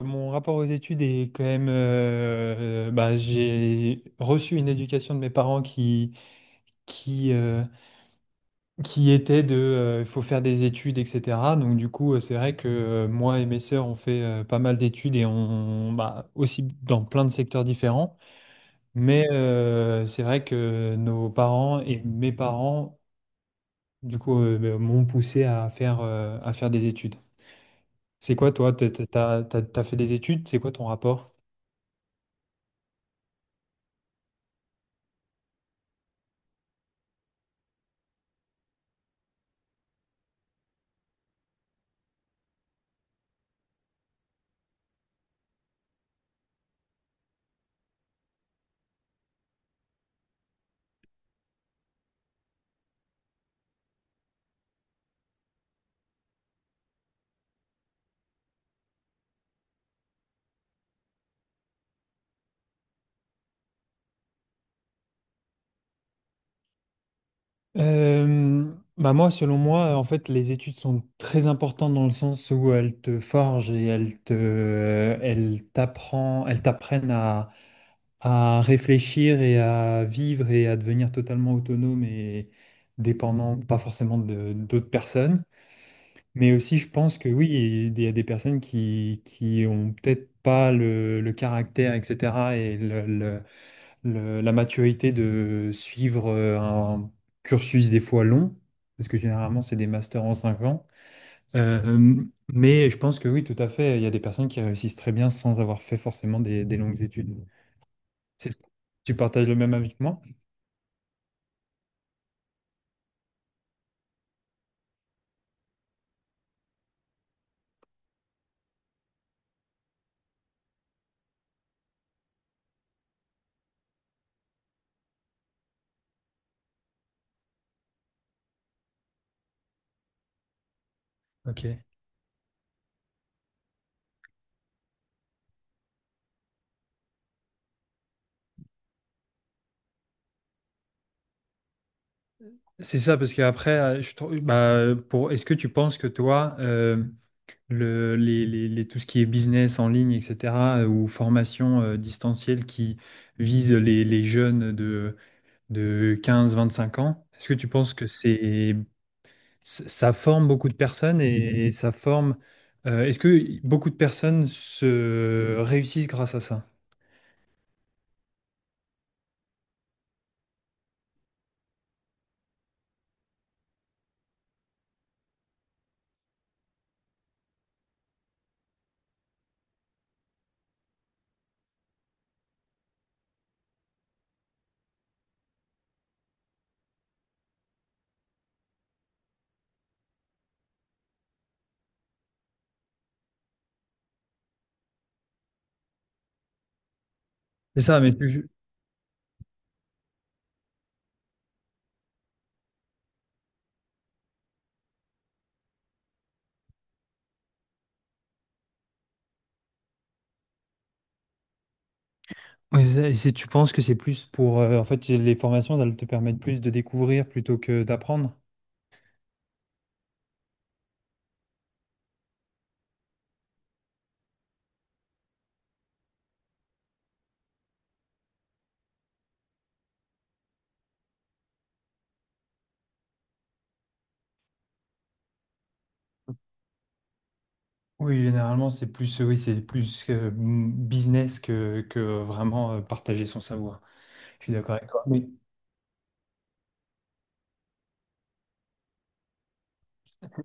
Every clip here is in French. Mon rapport aux études est quand même, bah, j'ai reçu une éducation de mes parents qui, euh, qui était de, il faut faire des études, etc. Donc du coup, c'est vrai que moi et mes sœurs, on fait pas mal d'études et on, bah, aussi dans plein de secteurs différents. Mais c'est vrai que nos parents et mes parents, du coup, bah, m'ont poussé à faire des études. C'est quoi toi? T'as fait des études? C'est quoi ton rapport? Euh, Bah moi, selon moi, en fait, les études sont très importantes dans le sens où elles te forgent et elles t'apprennent à réfléchir et à vivre et à devenir totalement autonome et dépendant, pas forcément d'autres personnes. Mais aussi, je pense que oui, il y a des personnes qui ont peut-être pas le caractère, etc. et la maturité de suivre un cursus des fois long, parce que généralement c'est des masters en 5 ans. Euh, mais je pense que oui, tout à fait, il y a des personnes qui réussissent très bien sans avoir fait forcément des longues études. C'est- Tu partages le même avis que moi? Ok. C'est ça, parce qu'après, je trouve, bah, pour, est-ce que tu penses que toi, le, les- tout ce qui est business en ligne, etc., ou formation distancielle qui vise les jeunes de 15-25 ans. Est-ce que tu penses que c'est ça forme beaucoup de personnes et ça forme est-ce que beaucoup de personnes se réussissent grâce à ça? C'est ça, mais tu penses que c'est plus pour en fait les formations, elles te permettent plus de découvrir plutôt que d'apprendre? Oui, généralement, c'est plus, oui, c'est plus business que vraiment partager son savoir. Je suis d'accord avec toi. Mais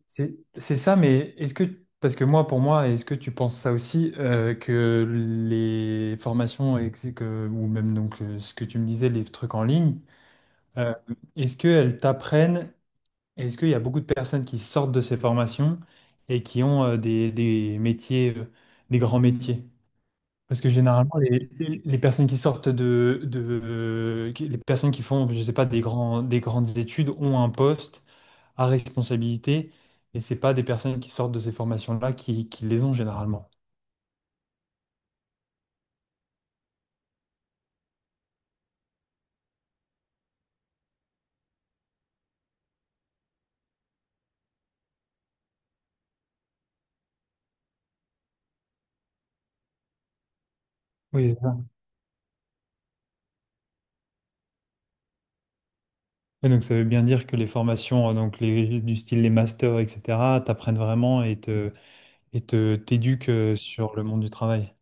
c'est ça, mais est-ce que, parce que moi, pour moi, est-ce que tu penses ça aussi, que les formations, et ou même donc ce que tu me disais, les trucs en ligne, euh, est-ce qu'elles t'apprennent, est-ce qu'il y a beaucoup de personnes qui sortent de ces formations et qui ont des métiers, des grands métiers? Parce que généralement, les personnes qui sortent les personnes qui font, je sais pas, des grandes études ont un poste à responsabilité et c'est pas des personnes qui sortent de ces formations-là qui les ont généralement. Oui, c'est ça. Et donc ça veut bien dire que les formations, donc les, du style les masters, etc., t'apprennent vraiment et t'éduquent sur le monde du travail.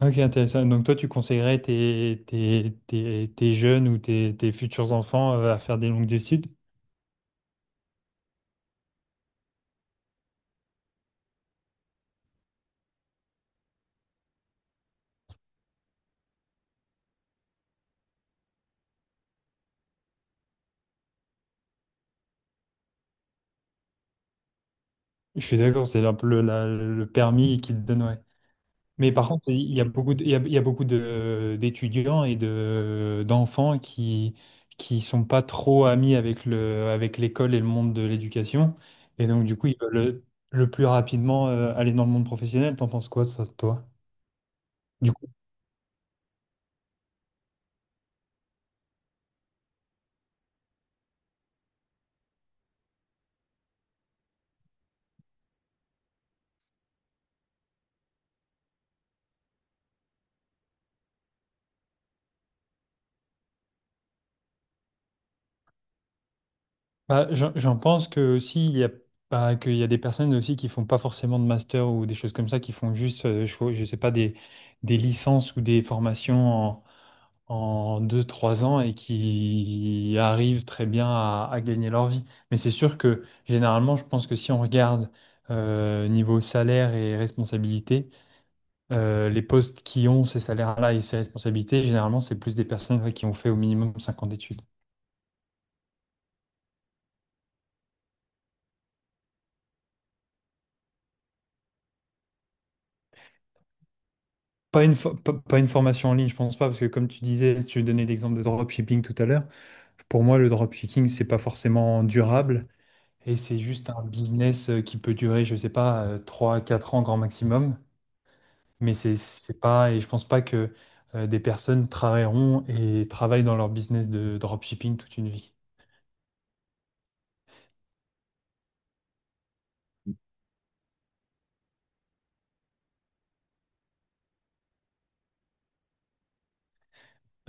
Ok, intéressant. Donc toi, tu conseillerais tes jeunes ou tes futurs enfants à faire des longues études? Je suis d'accord, c'est un peu le permis qui te donne, ouais. Mais par contre, il y a beaucoup d'étudiants et d'enfants qui sont pas trop amis avec avec l'école et le monde de l'éducation. Et donc, du coup, ils veulent le plus rapidement aller dans le monde professionnel. T'en penses quoi, ça, toi? Bah, j'en pense que aussi il y a bah, qu'il y a des personnes aussi qui font pas forcément de master ou des choses comme ça, qui font juste, je sais pas, des licences ou des formations en 2-3 ans et qui arrivent très bien à gagner leur vie. Mais c'est sûr que généralement, je pense que si on regarde niveau salaire et responsabilité, les postes qui ont ces salaires-là et ces responsabilités, généralement, c'est plus des personnes ouais, qui ont fait au minimum 5 ans d'études. Pas une formation en ligne, je pense pas, parce que comme tu disais, tu donnais l'exemple de dropshipping tout à l'heure. Pour moi, le dropshipping, c'est pas forcément durable et c'est juste un business qui peut durer, je sais pas, 3 à 4 ans grand maximum. Mais c'est pas, et je pense pas que des personnes travailleront et travaillent dans leur business de dropshipping toute une vie.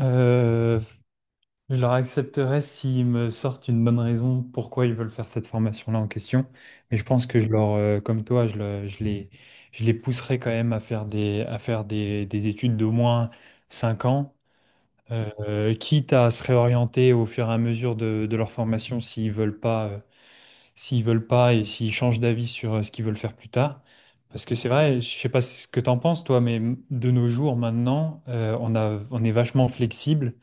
Euh, Je leur accepterai s'ils me sortent une bonne raison pourquoi ils veulent faire cette formation-là en question. Mais je pense que comme toi, je les pousserai quand même des études d'au moins 5 ans, quitte à se réorienter au fur et à mesure de leur formation s'ils veulent pas et s'ils changent d'avis sur ce qu'ils veulent faire plus tard. Parce que c'est vrai, je sais pas ce que t'en penses, toi, mais de nos jours maintenant, on est vachement flexible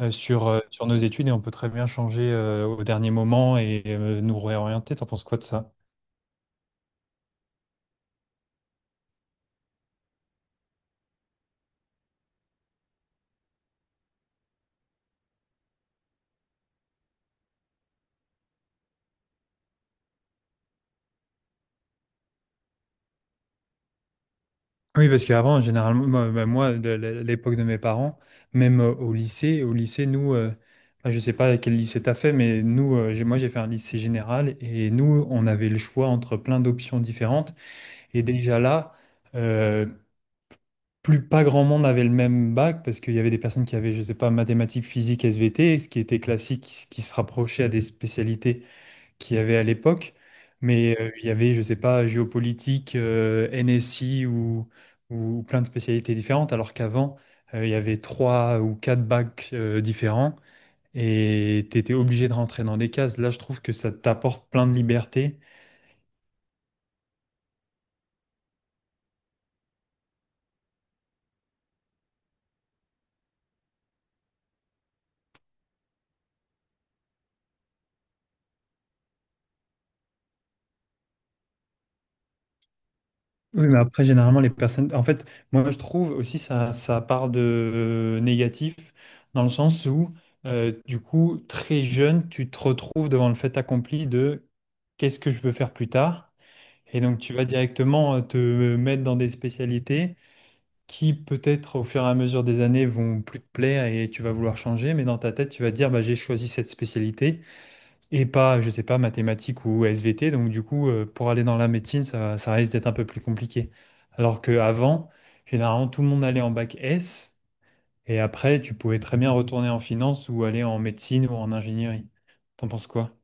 sur nos études et on peut très bien changer au dernier moment et nous réorienter. T'en penses quoi de ça? Oui, parce qu'avant, généralement, bah, moi, l'époque de mes parents, même au lycée, nous, bah, je sais pas quel lycée t'as fait, mais nous, moi, j'ai fait un lycée général et nous, on avait le choix entre plein d'options différentes. Et déjà là, euh, plus pas grand monde avait le même bac parce qu'il y avait des personnes qui avaient, je sais pas, mathématiques, physique, SVT, ce qui était classique, ce qui se rapprochait à des spécialités qu'il y avait à l'époque, mais il y avait, je sais pas, géopolitique, NSI ou plein de spécialités différentes, alors qu'avant, il y avait trois ou quatre bacs différents et tu étais obligé de rentrer dans des cases. Là, je trouve que ça t'apporte plein de liberté. Oui, mais après, généralement, les personnes. En fait, moi, je trouve aussi ça, ça part de négatif, dans le sens où, du coup, très jeune, tu te retrouves devant le fait accompli de qu'est-ce que je veux faire plus tard? Et donc, tu vas directement te mettre dans des spécialités qui, peut-être, au fur et à mesure des années, vont plus te plaire et tu vas vouloir changer. Mais dans ta tête, tu vas te dire, bah, j'ai choisi cette spécialité et pas, je sais pas, mathématiques ou SVT. Donc, du coup, pour aller dans la médecine, ça risque d'être un peu plus compliqué. Alors qu'avant, généralement, tout le monde allait en bac S et après, tu pouvais très bien retourner en finance ou aller en médecine ou en ingénierie. T'en penses quoi?